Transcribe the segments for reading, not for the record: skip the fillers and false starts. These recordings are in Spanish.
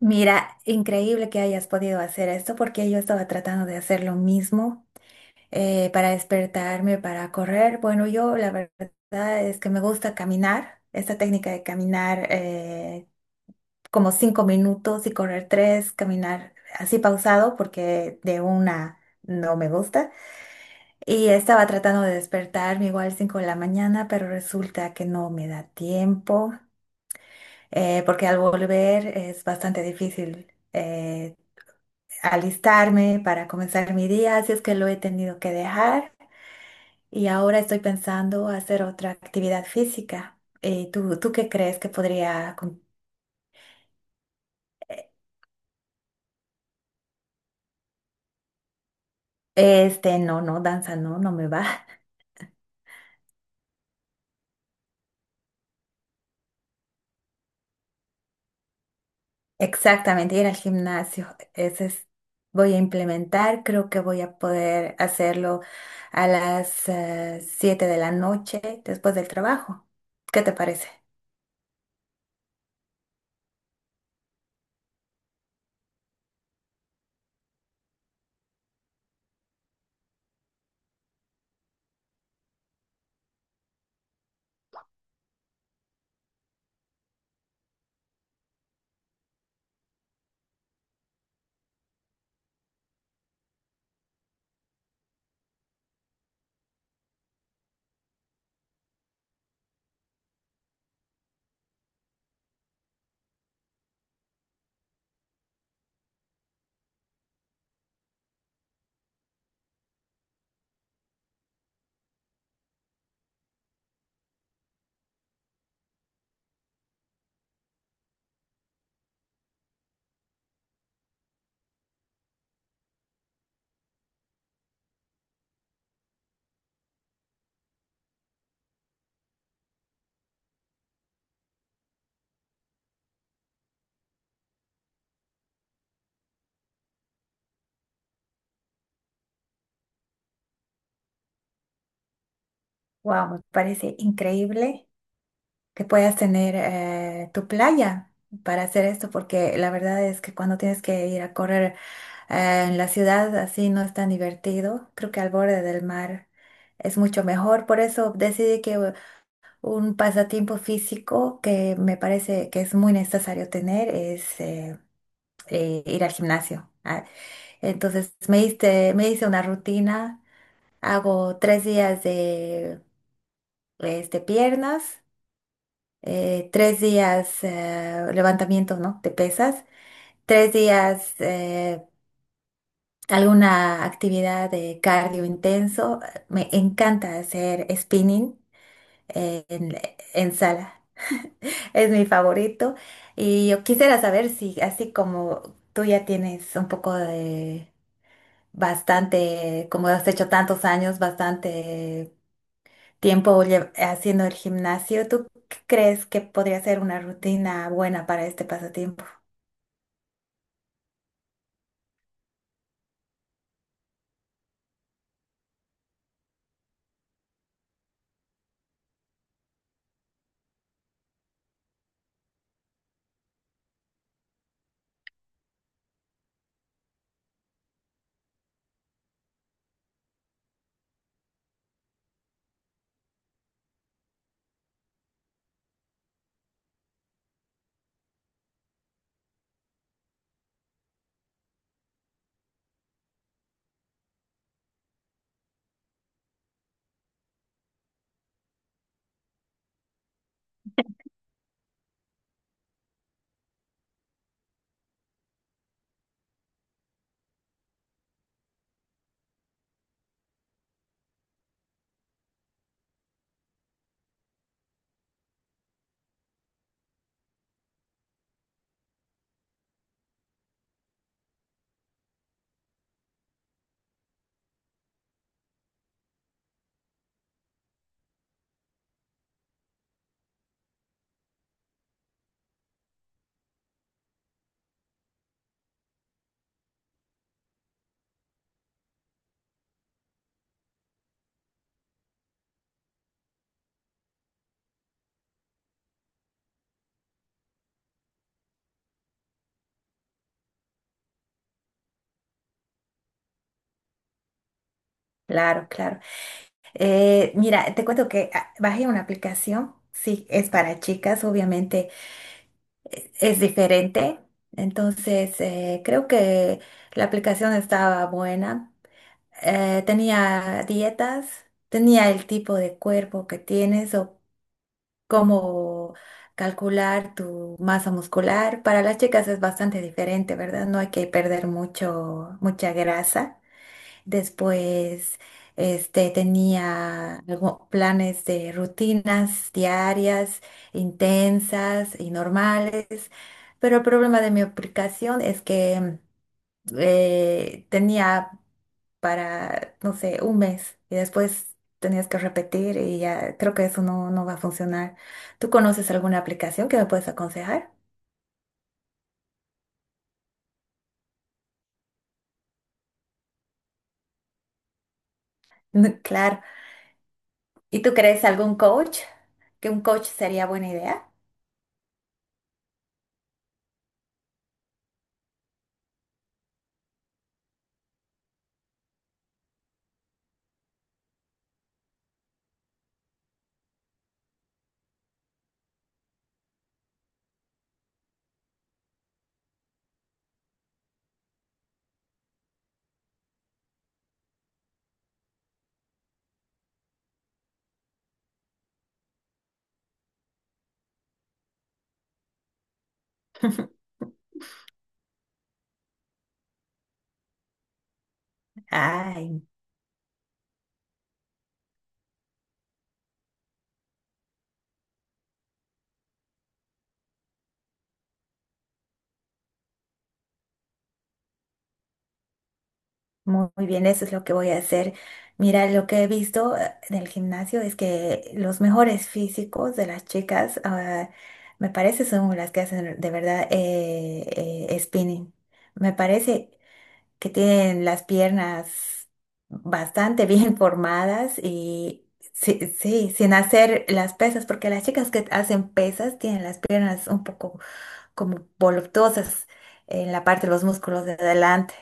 Mira, increíble que hayas podido hacer esto porque yo estaba tratando de hacer lo mismo para despertarme, para correr. Bueno, yo la verdad es que me gusta caminar, esta técnica de caminar como 5 minutos y correr tres, caminar así pausado porque de una no me gusta. Y estaba tratando de despertarme igual 5 de la mañana, pero resulta que no me da tiempo porque al volver es bastante difícil. Alistarme para comenzar mi día, así es que lo he tenido que dejar y ahora estoy pensando hacer otra actividad física. ¿Tú, qué crees que podría... Este, no, no, danza no, no me va. Exactamente, ir al gimnasio. Ese es, voy a implementar, creo que voy a poder hacerlo a las 7 de la noche después del trabajo. ¿Qué te parece? Wow, me parece increíble que puedas tener tu playa para hacer esto, porque la verdad es que cuando tienes que ir a correr en la ciudad así no es tan divertido. Creo que al borde del mar es mucho mejor. Por eso decidí que un pasatiempo físico que me parece que es muy necesario tener es ir al gimnasio. Ah, entonces me hice una rutina, hago tres días de este, piernas. Tres días levantamiento, ¿no? de pesas, tres días alguna actividad de cardio intenso. Me encanta hacer spinning eh, en, en sala, es mi favorito. Y yo quisiera saber si, así como tú ya tienes un poco de bastante, como has hecho tantos años, bastante tiempo haciendo el gimnasio, ¿tú crees que podría ser una rutina buena para este pasatiempo? Claro, claro. Mira, te cuento que ah, bajé una aplicación, sí, es para chicas, obviamente es diferente. Entonces, creo que la aplicación estaba buena. Tenía dietas, tenía el tipo de cuerpo que tienes o cómo calcular tu masa muscular. Para las chicas es bastante diferente, ¿verdad? No hay que perder mucho, mucha grasa. Después, este, tenía planes de rutinas diarias, intensas y normales, pero el problema de mi aplicación es que tenía para, no sé, un mes y después tenías que repetir y ya creo que eso no, no va a funcionar. ¿Tú conoces alguna aplicación que me puedes aconsejar? Claro. ¿Y tú crees algún coach? ¿Que un coach sería buena idea? Ay. Muy muy bien, eso es lo que voy a hacer. Mira, lo que he visto en el gimnasio es que los mejores físicos de las chicas, ah, me parece, son las que hacen de verdad spinning. Me parece que tienen las piernas bastante bien formadas y sí, sí, sin hacer las pesas, porque las chicas que hacen pesas tienen las piernas un poco como voluptuosas en la parte de los músculos de adelante.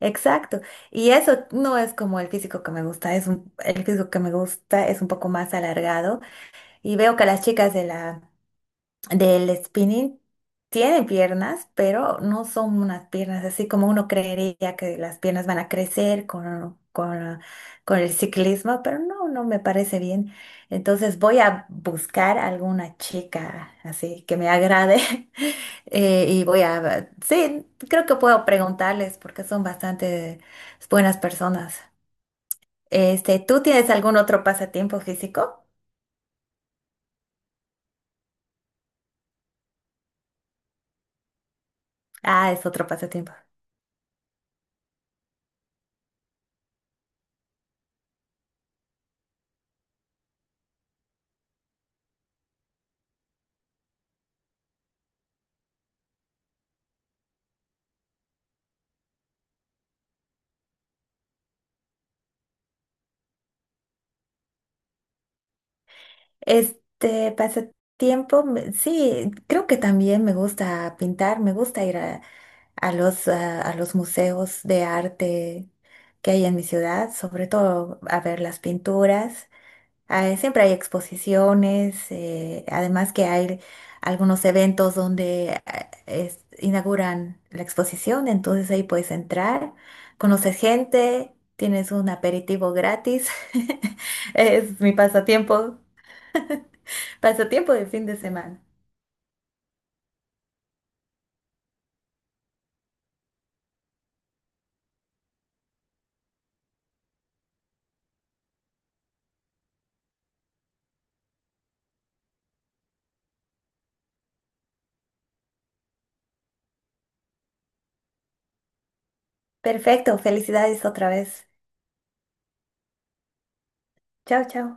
Exacto. Y eso no es como el físico que me gusta, es un, el físico que me gusta es un poco más alargado y veo que a las chicas de la del spinning tiene piernas, pero no son unas piernas así como uno creería que las piernas van a crecer con el ciclismo, pero no, no me parece bien. Entonces voy a buscar alguna chica así que me agrade y voy a, sí, creo que puedo preguntarles porque son bastante buenas personas. Este, ¿tú tienes algún otro pasatiempo físico? Ah, es otro pasatiempo. Este pasatiempo, sí, creo que también me gusta pintar, me gusta ir a los, ah, a los museos de arte que hay en mi ciudad, sobre todo a ver las pinturas. Ah, siempre hay exposiciones, además que hay algunos eventos donde ah, inauguran la exposición, entonces ahí puedes entrar, conoces gente, tienes un aperitivo gratis. Es mi pasatiempo. Pasatiempo de fin de semana. Perfecto, felicidades otra vez. Chao, chao.